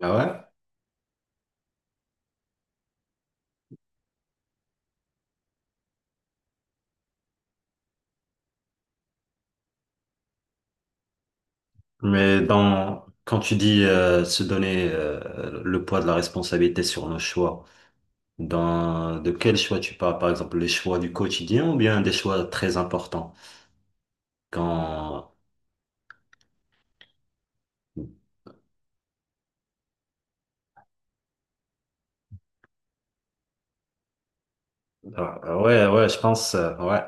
Ah, ouais? Mais dans, quand tu dis se donner le poids de la responsabilité sur nos choix, dans, de quel choix tu parles? Par exemple, les choix du quotidien ou bien des choix très importants? Quand, ah, ouais, ouais, je pense, ouais.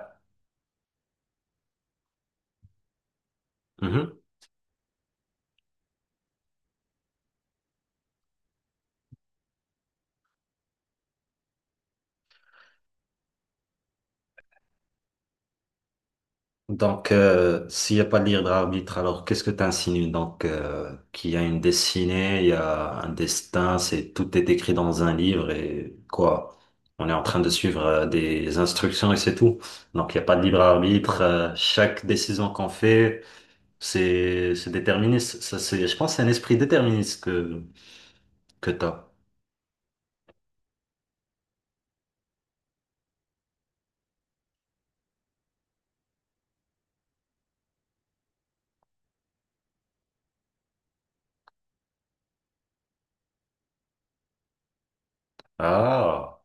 Mhm. Donc, s'il n'y a pas de libre d'arbitre, alors qu'est-ce que tu insinues? Donc, qu'il y a une destinée, il y a un destin, c'est tout est écrit dans un livre et quoi? On est en train de suivre des instructions et c'est tout. Donc, il n'y a pas de libre arbitre. Chaque décision qu'on fait, c'est déterministe. Ça, c'est, je pense, que c'est un esprit déterministe que t'as. Ah.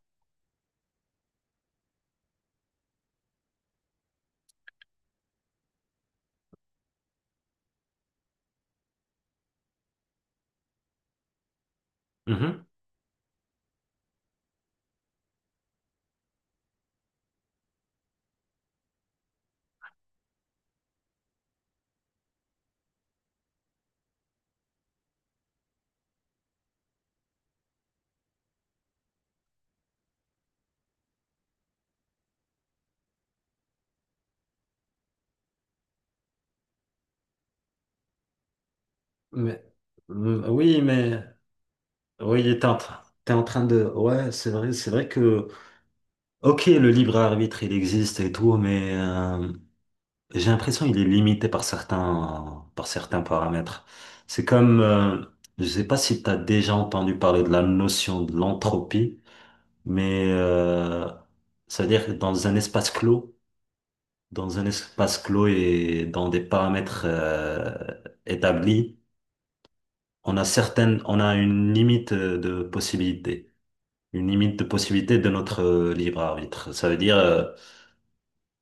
Mhm. Mais mm, oui, mais oui, t'es en train de. Ouais, c'est vrai que. Ok, le libre arbitre, il existe et tout, mais j'ai l'impression qu'il est limité par par certains paramètres. C'est comme, je sais pas si tu as déjà entendu parler de la notion de l'entropie, mais ça veut dire que dans un espace clos, dans un espace clos et dans des paramètres établis, on a on a une limite de possibilité, une limite de possibilité de notre libre arbitre. Ça veut dire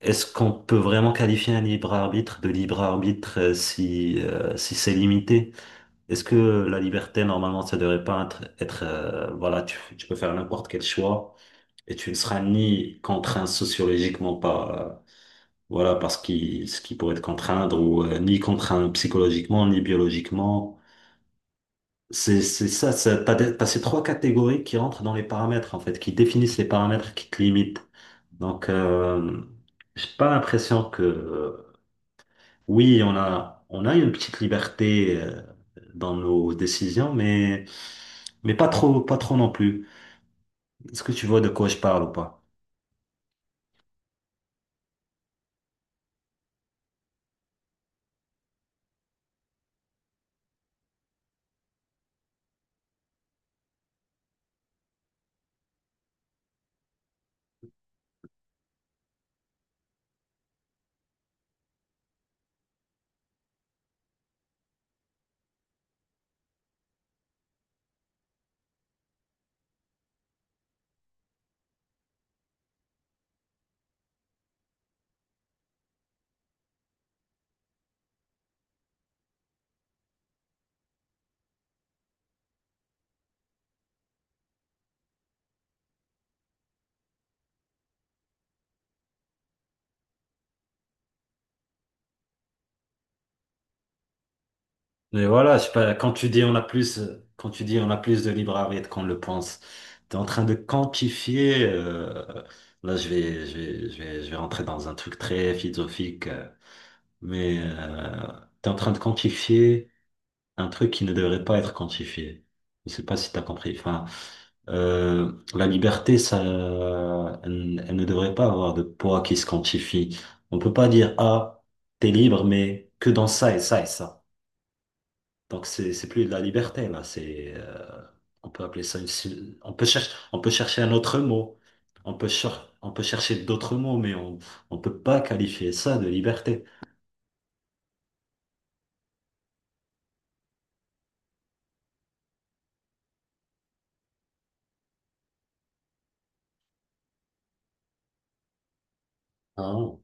est-ce qu'on peut vraiment qualifier un libre arbitre de libre arbitre si, si c'est limité? Est-ce que la liberté, normalement, ça devrait pas être, voilà, tu peux faire n'importe quel choix et tu ne seras ni contraint sociologiquement par, voilà, par ce qui pourrait te contraindre ou ni contraint psychologiquement, ni biologiquement. C'est ça, ça, t'as, t'as ces trois catégories qui rentrent dans les paramètres, en fait, qui définissent les paramètres qui te limitent. Donc, j'ai pas l'impression que, oui, on a une petite liberté dans nos décisions, mais pas trop, pas trop non plus. Est-ce que tu vois de quoi je parle ou pas? Mais voilà, je sais pas, quand tu dis on a plus, quand tu dis on a plus de libre arbitre qu'on le pense, t'es en train de quantifier. Là, je vais rentrer dans un truc très philosophique, mais tu es en train de quantifier un truc qui ne devrait pas être quantifié. Je sais pas si tu as compris. Enfin, la liberté, ça, elle ne devrait pas avoir de poids qui se quantifie. On peut pas dire, ah, t'es libre, mais que dans ça et ça et ça. Donc c'est plus de la liberté là. C'est on peut appeler ça une, on peut chercher un autre mot. On peut chercher d'autres mots, mais on peut pas qualifier ça de liberté. Hein.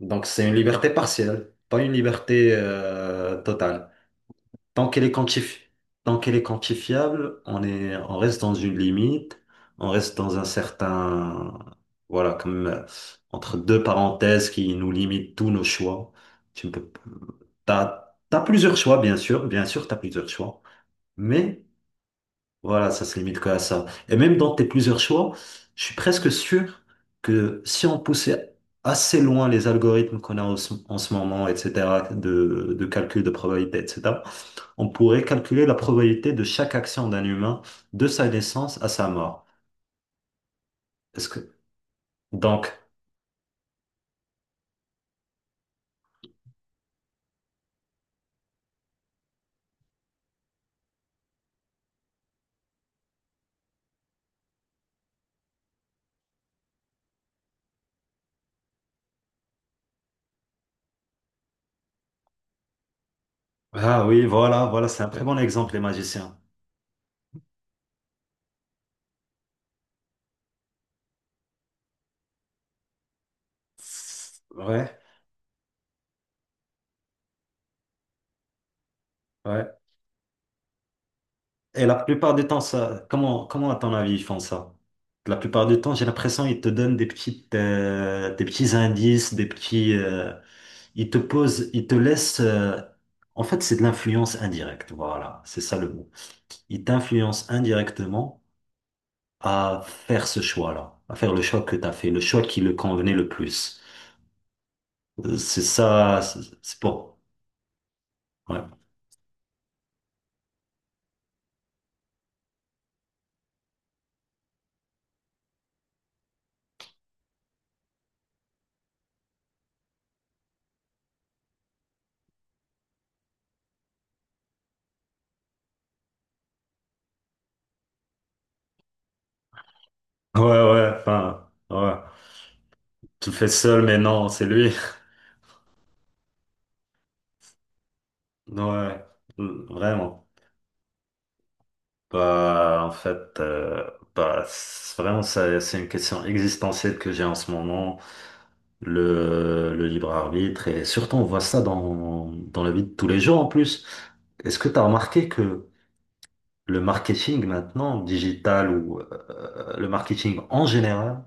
Donc c'est une liberté partielle, pas une liberté totale. Tant qu'elle est quantifi- Tant qu'elle est quantifiable, on reste dans une limite, on reste dans un certain, voilà, comme entre deux parenthèses qui nous limitent tous nos choix. Tu ne peux, p- t'as, t'as plusieurs choix, bien sûr, t'as plusieurs choix, mais voilà, ça se limite qu'à ça. Et même dans tes plusieurs choix, je suis presque sûr que si on poussait assez loin les algorithmes qu'on a en ce moment, etc., de calcul de probabilité, etc., on pourrait calculer la probabilité de chaque action d'un humain de sa naissance à sa mort. Est-ce que... Donc, ah oui, voilà, voilà, c'est un très bon exemple, les magiciens. Ouais, ouais. Et la plupart du temps, ça, comment à ton avis ils font ça? La plupart du temps, j'ai l'impression ils te donnent des des petits indices, des ils te posent, ils te laissent. En fait, c'est de l'influence indirecte. Voilà, c'est ça le mot. Ils t'influencent indirectement à faire ce choix-là, à faire le choix que tu as fait, le choix qui le convenait le plus. C'est ça, c'est bon. Ouais, ouais, ouais. Enfin, ouais. Tu le fais seul, mais non, c'est lui. Ouais, vraiment. Bah, en fait, bah, c'est- vraiment, ça- c'est une question existentielle que j'ai en ce moment, le libre arbitre. Et surtout, on voit ça dans, dans la vie de tous les jours en plus. Est-ce que tu as remarqué que le marketing maintenant, digital ou le marketing en général,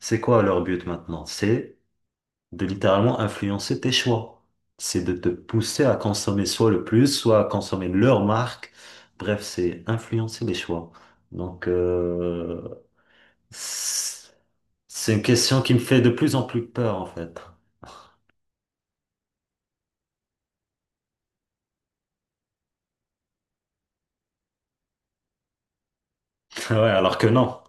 c'est quoi leur but maintenant? C'est de littéralement influencer tes choix. C'est de te pousser à consommer soit le plus, soit à consommer leur marque. Bref, c'est influencer les choix. Donc, c'est c'est une question qui me fait de plus en plus peur, en fait. Ouais, alors que non.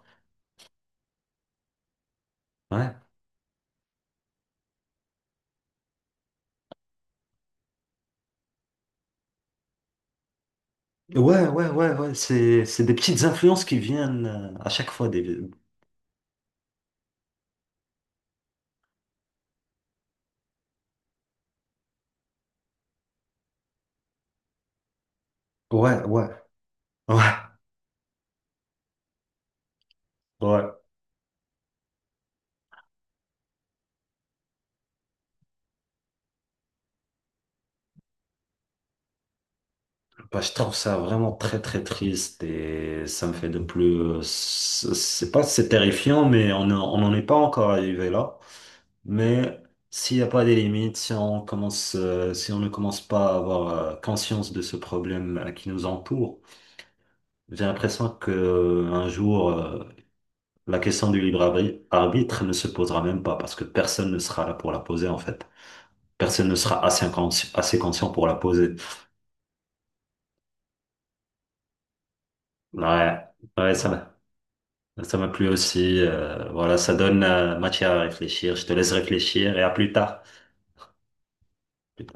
Ouais. Ouais, ouais, ouais, ouais. C'est des petites influences qui viennent à chaque fois des... Ouais, ouais, ouais, ouais. Bah, je trouve ça vraiment très très triste et ça me fait de plus. C'est pas c'est terrifiant, mais on n'en est pas encore arrivé là. Mais s'il n'y a pas des limites, si on commence, si on ne commence pas à avoir conscience de ce problème qui nous entoure, j'ai l'impression que un jour la question du arbitre ne se posera même pas parce que personne ne sera là pour la poser en fait. Personne ne sera assez conscient pour la poser. Ouais, ouais, ça. Ça m'a plu aussi. Voilà, ça donne matière à réfléchir. Je te laisse réfléchir et à plus tard. Plus tard.